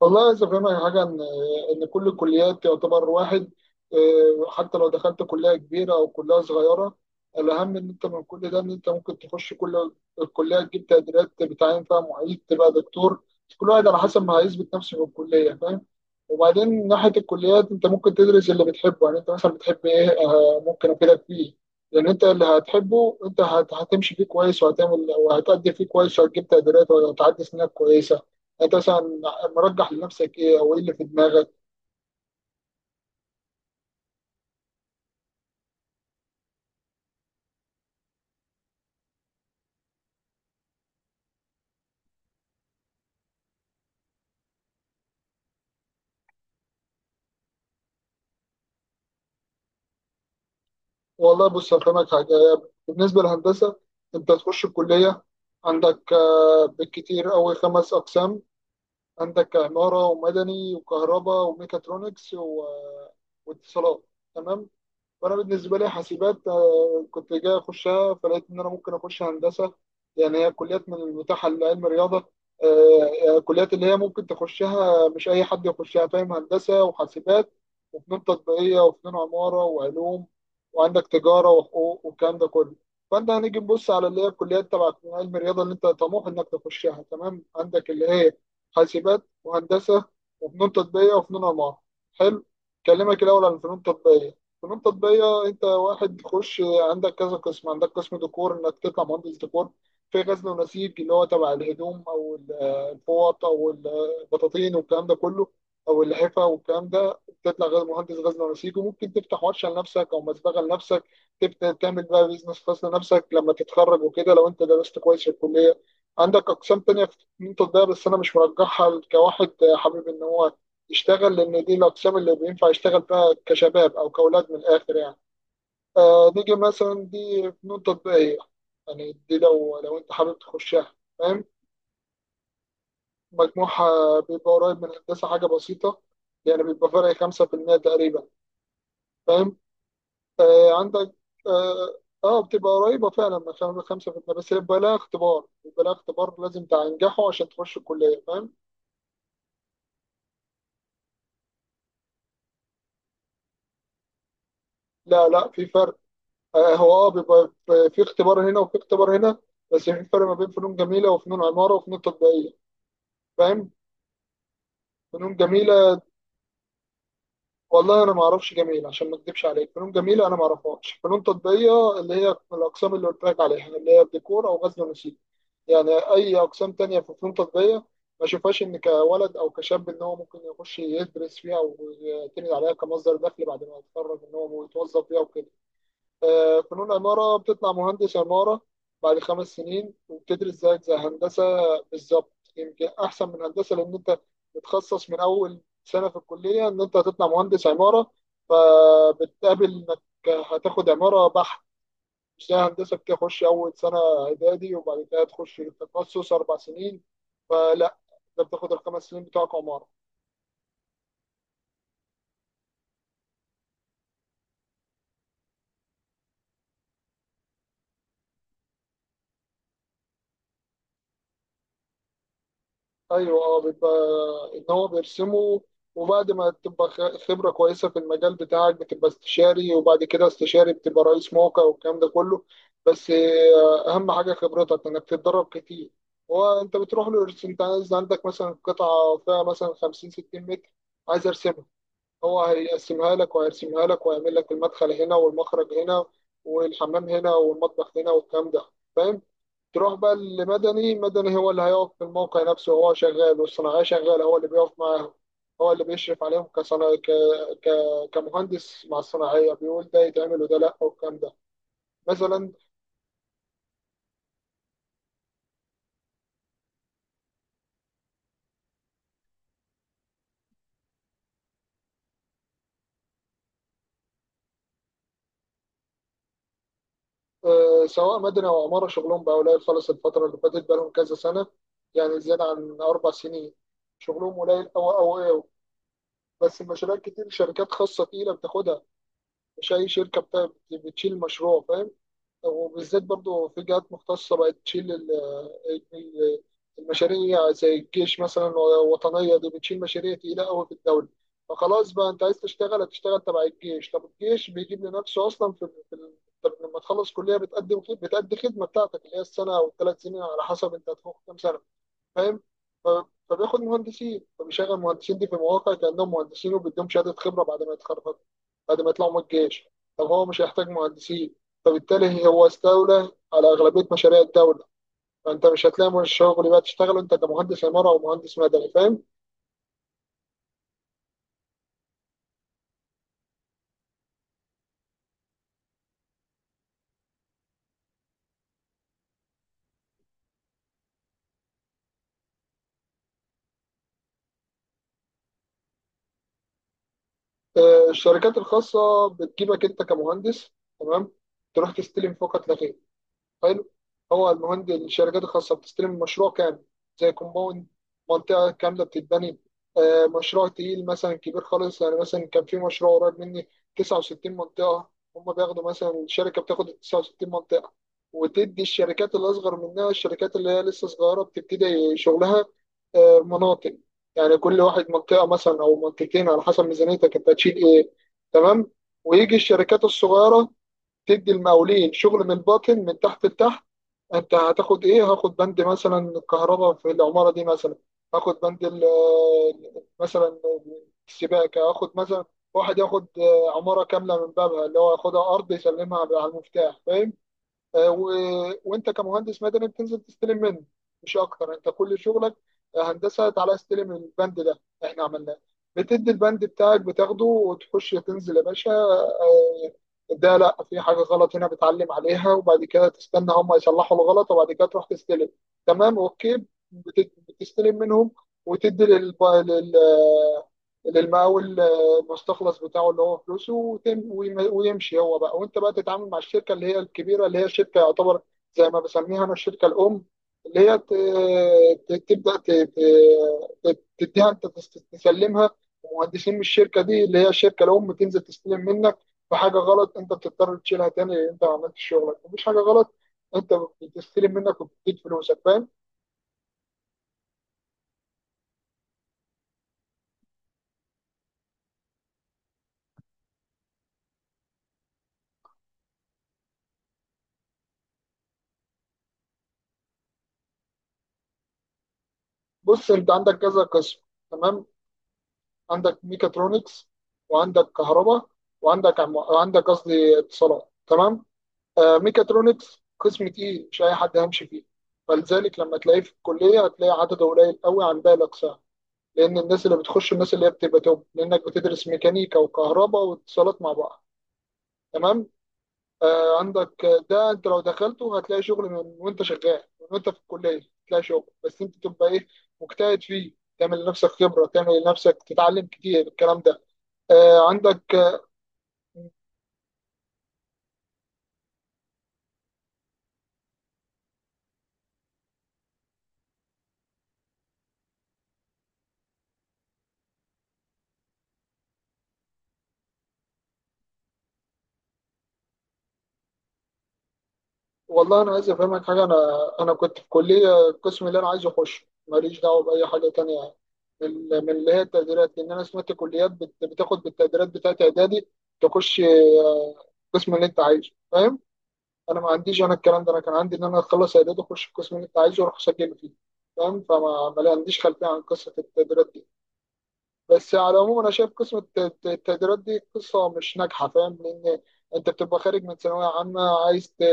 والله عايز افهمك حاجه ان كل الكليات تعتبر واحد. حتى لو دخلت كليه كبيره او كليه صغيره، الاهم ان انت من كل ده، ان انت ممكن تخش كل الكليه، تجيب تقديرات، بتعين فيها معيد، تبقى دكتور. كل واحد على حسب ما هيثبت نفسه في الكليه، فاهم؟ وبعدين من ناحية الكليات، أنت ممكن تدرس اللي بتحبه. يعني أنت مثلا بتحب إيه؟ ممكن أفيدك فيه. لأن أنت اللي هتحبه أنت هتمشي فيه كويس وهتعمل وهتأدي فيه كويس وهتجيب تقديرات وهتعدي سنينك كويسة. أنت مثلا مرجح لنفسك إيه أو إيه اللي في دماغك؟ والله بص هفهمك حاجة. بالنسبة للهندسة، أنت تخش الكلية عندك بالكتير أوي خمس أقسام. عندك عمارة ومدني وكهرباء وميكاترونكس واتصالات. تمام. فانا بالنسبه لي حاسبات، كنت جاي اخشها، فلقيت ان انا ممكن اخش هندسه. يعني هي كليات من المتاحه لعلم الرياضه. كليات اللي هي ممكن تخشها، مش اي حد يخشها، فاهم؟ هندسه وحاسبات وفنون تطبيقيه وفنون عماره وعلوم، وعندك تجاره وحقوق والكلام ده كله. فانت هنيجي نبص على اللي هي الكليات تبع علم الرياضه اللي انت طموح انك تخشها. تمام؟ عندك اللي هي حاسبات وهندسه وفنون تطبيقيه وفنون عماره. حلو. كلمك الاول عن الفنون التطبيقيه. فنون تطبيقية أنت واحد تخش، عندك كذا قسم. عندك قسم ديكور إنك تطلع مهندس ديكور. في غزل ونسيج اللي هو تبع الهدوم أو الفوط أو البطاطين والكلام ده كله، أو اللحفة والكلام ده، تطلع مهندس غزل ونسيج وممكن تفتح ورشة لنفسك أو مسبغة لنفسك. تبدأ تعمل بقى بيزنس خاص لنفسك لما تتخرج وكده، لو أنت درست كويس في الكلية. عندك أقسام تانية في فنون تطبيقية بس أنا مش مرجحها كواحد حابب إن هو يشتغل، لان دي الاقسام اللي بينفع يشتغل بها كشباب او كاولاد من الاخر يعني. آه نيجي مثلا دي فنون تطبيقيه. يعني دي لو انت حابب تخشها، فاهم؟ مجموعها بيبقى قريب من هندسه حاجه بسيطه. يعني بيبقى فرق 5% تقريبا، فاهم؟ آه عندك اه بتبقى قريبه فعلا من 5%، بس بيبقى لها اختبار، بيبقى لها اختبار لازم تنجحه عشان تخش الكليه، فاهم؟ لا، لا، في فرق. هو اه بيبقى في اختبار هنا وفي اختبار هنا، بس في فرق ما بين فنون جميله وفنون عماره وفنون تطبيقيه، فاهم؟ فنون جميله، والله انا ما اعرفش جميل عشان ما اكذبش عليك. فنون جميله انا ما اعرفهاش. فنون تطبيقيه اللي هي الاقسام اللي قلت لك عليها اللي هي الديكور او غزل ونسيج. يعني اي اقسام تانية في فنون تطبيقيه ما اشوفهاش ان كولد او كشاب ان هو ممكن يخش يدرس فيها او يعتمد عليها كمصدر دخل بعد ما يتخرج ان هو يتوظف فيها وكده. فنون عمارة بتطلع مهندس عمارة بعد 5 سنين، وبتدرس زيك زي هندسة بالظبط، يمكن أحسن من هندسة، لأن أنت بتخصص من أول سنة في الكلية إن أنت هتطلع مهندس عمارة. فبتقابل إنك هتاخد عمارة بحت، مش زي هندسة بتخش أول سنة إعدادي وبعد كده تخش التخصص 4 سنين. فلا، أنت بتاخد ال5 سنين بتوعك عمارة. ايوه اه بيبقى ان هو بيرسمه، وبعد ما تبقى خبره كويسه في المجال بتاعك بتبقى استشاري، وبعد كده استشاري بتبقى رئيس موقع والكلام ده كله. بس اهم حاجه خبرتك انك تتدرب كتير. هو انت بتروح له انت عايز عندك مثلا قطعه فيها مثلا 50 60 متر، عايز ارسم، هو هيقسمها لك وهيرسمها لك وهيعمل لك المدخل هنا والمخرج هنا والحمام هنا والمطبخ هنا والكلام ده، فاهم؟ تروح بقى لمدني. مدني هو اللي هيقف في الموقع نفسه هو شغال والصناعية شغالة، هو اللي بيقف معاهم، هو اللي بيشرف عليهم ك... كمهندس مع الصناعية، بيقول ده يتعمل وده لأ والكلام ده مثلا. سواء مدني أو عمارة شغلهم بقى قليل خالص الفترة اللي فاتت، بقى لهم كذا سنة، يعني زيادة عن 4 سنين، شغلهم قليل، أو أو إيه؟ بس المشاريع كتير، شركات خاصة تقيلة بتاخدها. مش أي شركة بتشيل مشروع، فاهم؟ وبالذات برضو في جهات مختصة بقت تشيل ال- المشاريع زي الجيش مثلا. الوطنية دي بتشيل مشاريع تقيلة أوي في الدولة. فخلاص بقى أنت عايز تشتغل هتشتغل تبع الجيش. طب الجيش بيجيب لنفسه أصلا في ال- طب لما تخلص كلية بتقدم بتأدي خدمة بتاعتك اللي هي السنة أو ال3 سنين على حسب أنت هتفوق كام سنة، فاهم؟ ف- فبياخد مهندسين، فبيشغل المهندسين دي في مواقع كأنهم مهندسين، وبيديهم شهادة خبرة بعد ما يتخرجوا، بعد ما يطلعوا من الجيش. طب هو مش هيحتاج مهندسين، فبالتالي هو استولى على أغلبية مشاريع الدولة. فأنت مش هتلاقي من الشغل بقى تشتغل أنت كمهندس عمارة أو مهندس مدني، فاهم؟ الشركات الخاصة بتجيبك أنت كمهندس. تمام. تروح تستلم فقط لا غير. حلو. هو المهند الشركات الخاصه بتستلم مشروع كامل، زي كومباوند، منطقه كامله بتتبني. مشروع تقيل مثلا كبير خالص. يعني مثلا كان في مشروع قريب مني 69 منطقه. هم بياخدوا مثلا، الشركه بتاخد 69 منطقه، وتدي الشركات اللي اصغر منها، الشركات اللي هي لسه صغيره بتبتدي شغلها، مناطق. يعني كل واحد منطقه مثلا او منطقتين على حسب ميزانيتك انت هتشيل ايه. تمام. ويجي الشركات الصغيره تدي المقاولين شغل من الباطن من تحت لتحت. انت هتاخد ايه؟ هاخد بند مثلا الكهرباء في العماره دي مثلا، هاخد بند مثلا السباكه، هاخد مثلا. واحد ياخد عماره كامله من بابها، اللي هو ياخدها ارض يسلمها على المفتاح، فاهم؟ وانت كمهندس مدني بتنزل تستلم منه مش اكتر. انت كل شغلك هندسه، تعالى استلم البند ده احنا عملناه. بتدي البند بتاعك، بتاخده وتخش تنزل يا باشا. ده لا في حاجه غلط هنا بتعلم عليها، وبعد كده تستنى هم يصلحوا الغلط، وبعد كده تروح تستلم. تمام. اوكي. بتستلم منهم، وتدي للمقاول المستخلص بتاعه اللي هو فلوسه، ويمشي هو بقى، وانت بقى تتعامل مع الشركه اللي هي الكبيره، اللي هي الشركه يعتبر زي ما بسميها انا الشركه الام. اللي هي تبدا تديها، انت تسلمها مهندسين. مش الشركه دي اللي هي الشركه الام تنزل تستلم منك، فحاجه غلط انت بتضطر تشيلها تاني لان انت ما عملتش شغلك. مفيش حاجه غلط انت بتستلم منك وبتديك فلوسك، فاهم؟ بص انت عندك كذا قسم. تمام. عندك ميكاترونكس، وعندك كهرباء، وعندك عم... وعندك قصدي اتصالات. تمام. آه ميكاترونكس قسم تقيل مش اي حد هيمشي فيه، فلذلك لما تلاقيه في الكليه هتلاقي عدده قليل قوي عن باقي الاقسام، لان الناس اللي بتخش الناس اللي هي بتبقى توب، لانك بتدرس ميكانيكا وكهرباء واتصالات مع بعض. تمام. آه، عندك ده انت لو دخلته هتلاقي شغل، من وانت شغال من وانت في الكليه هتلاقي شغل، بس انت تبقى ايه؟ مجتهد فيه، تعمل لنفسك خبره، تعمل لنفسك، تتعلم كتير، الكلام ده. آه، عندك آه، والله انا عايز افهمك حاجه. انا كنت في كليه القسم اللي انا عايز اخشه ماليش دعوه باي حاجه تانية، يعني من اللي هي التقديرات. لان انا سمعت كليات بتاخد بالتقديرات بتاعت اعدادي، تخش القسم اللي انت عايزه، فاهم؟ انا ما عنديش انا الكلام ده. انا كان عندي ان انا اخلص اعداد واخش القسم اللي انت عايزه واروح اسجل فيه، فاهم؟ فما ما لي- عنديش خلفيه عن قصه التقديرات دي. بس على العموم انا شايف قسم التقديرات دي قصه مش ناجحه، فاهم؟ لان انت بتبقى خارج من ثانويه عامه عايز ت-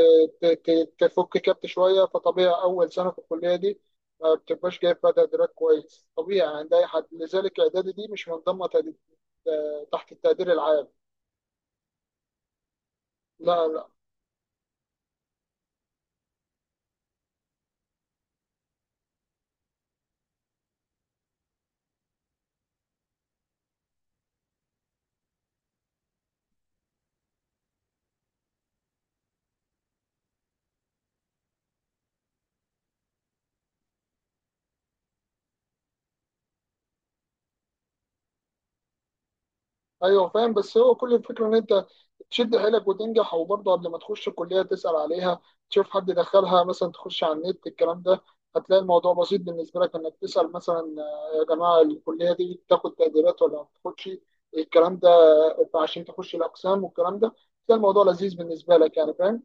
ت- ت- تفك كبت شويه، فطبيعي اول سنه في الكليه دي ما بتبقاش جايب فيها تقديرات كويس، طبيعي عند اي حد. لذلك اعدادي دي مش منضمه تحت التقدير العام. لا، ايوه فاهم. بس هو كل الفكره ان انت تشد حيلك وتنجح. وبرضه قبل ما تخش الكليه تسال عليها، تشوف حد دخلها مثلا، تخش على النت الكلام ده، هتلاقي الموضوع بسيط بالنسبه لك. انك تسال مثلا يا جماعه الكليه دي بتاخد تقديرات ولا ما بتاخدش، الكلام ده، عشان تخش الاقسام والكلام ده، تلاقي الموضوع لذيذ بالنسبه لك، يعني فاهم؟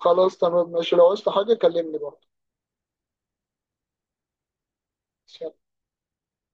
خلاص تمام ماشي، لو عايزت حاجه كلمني برضه.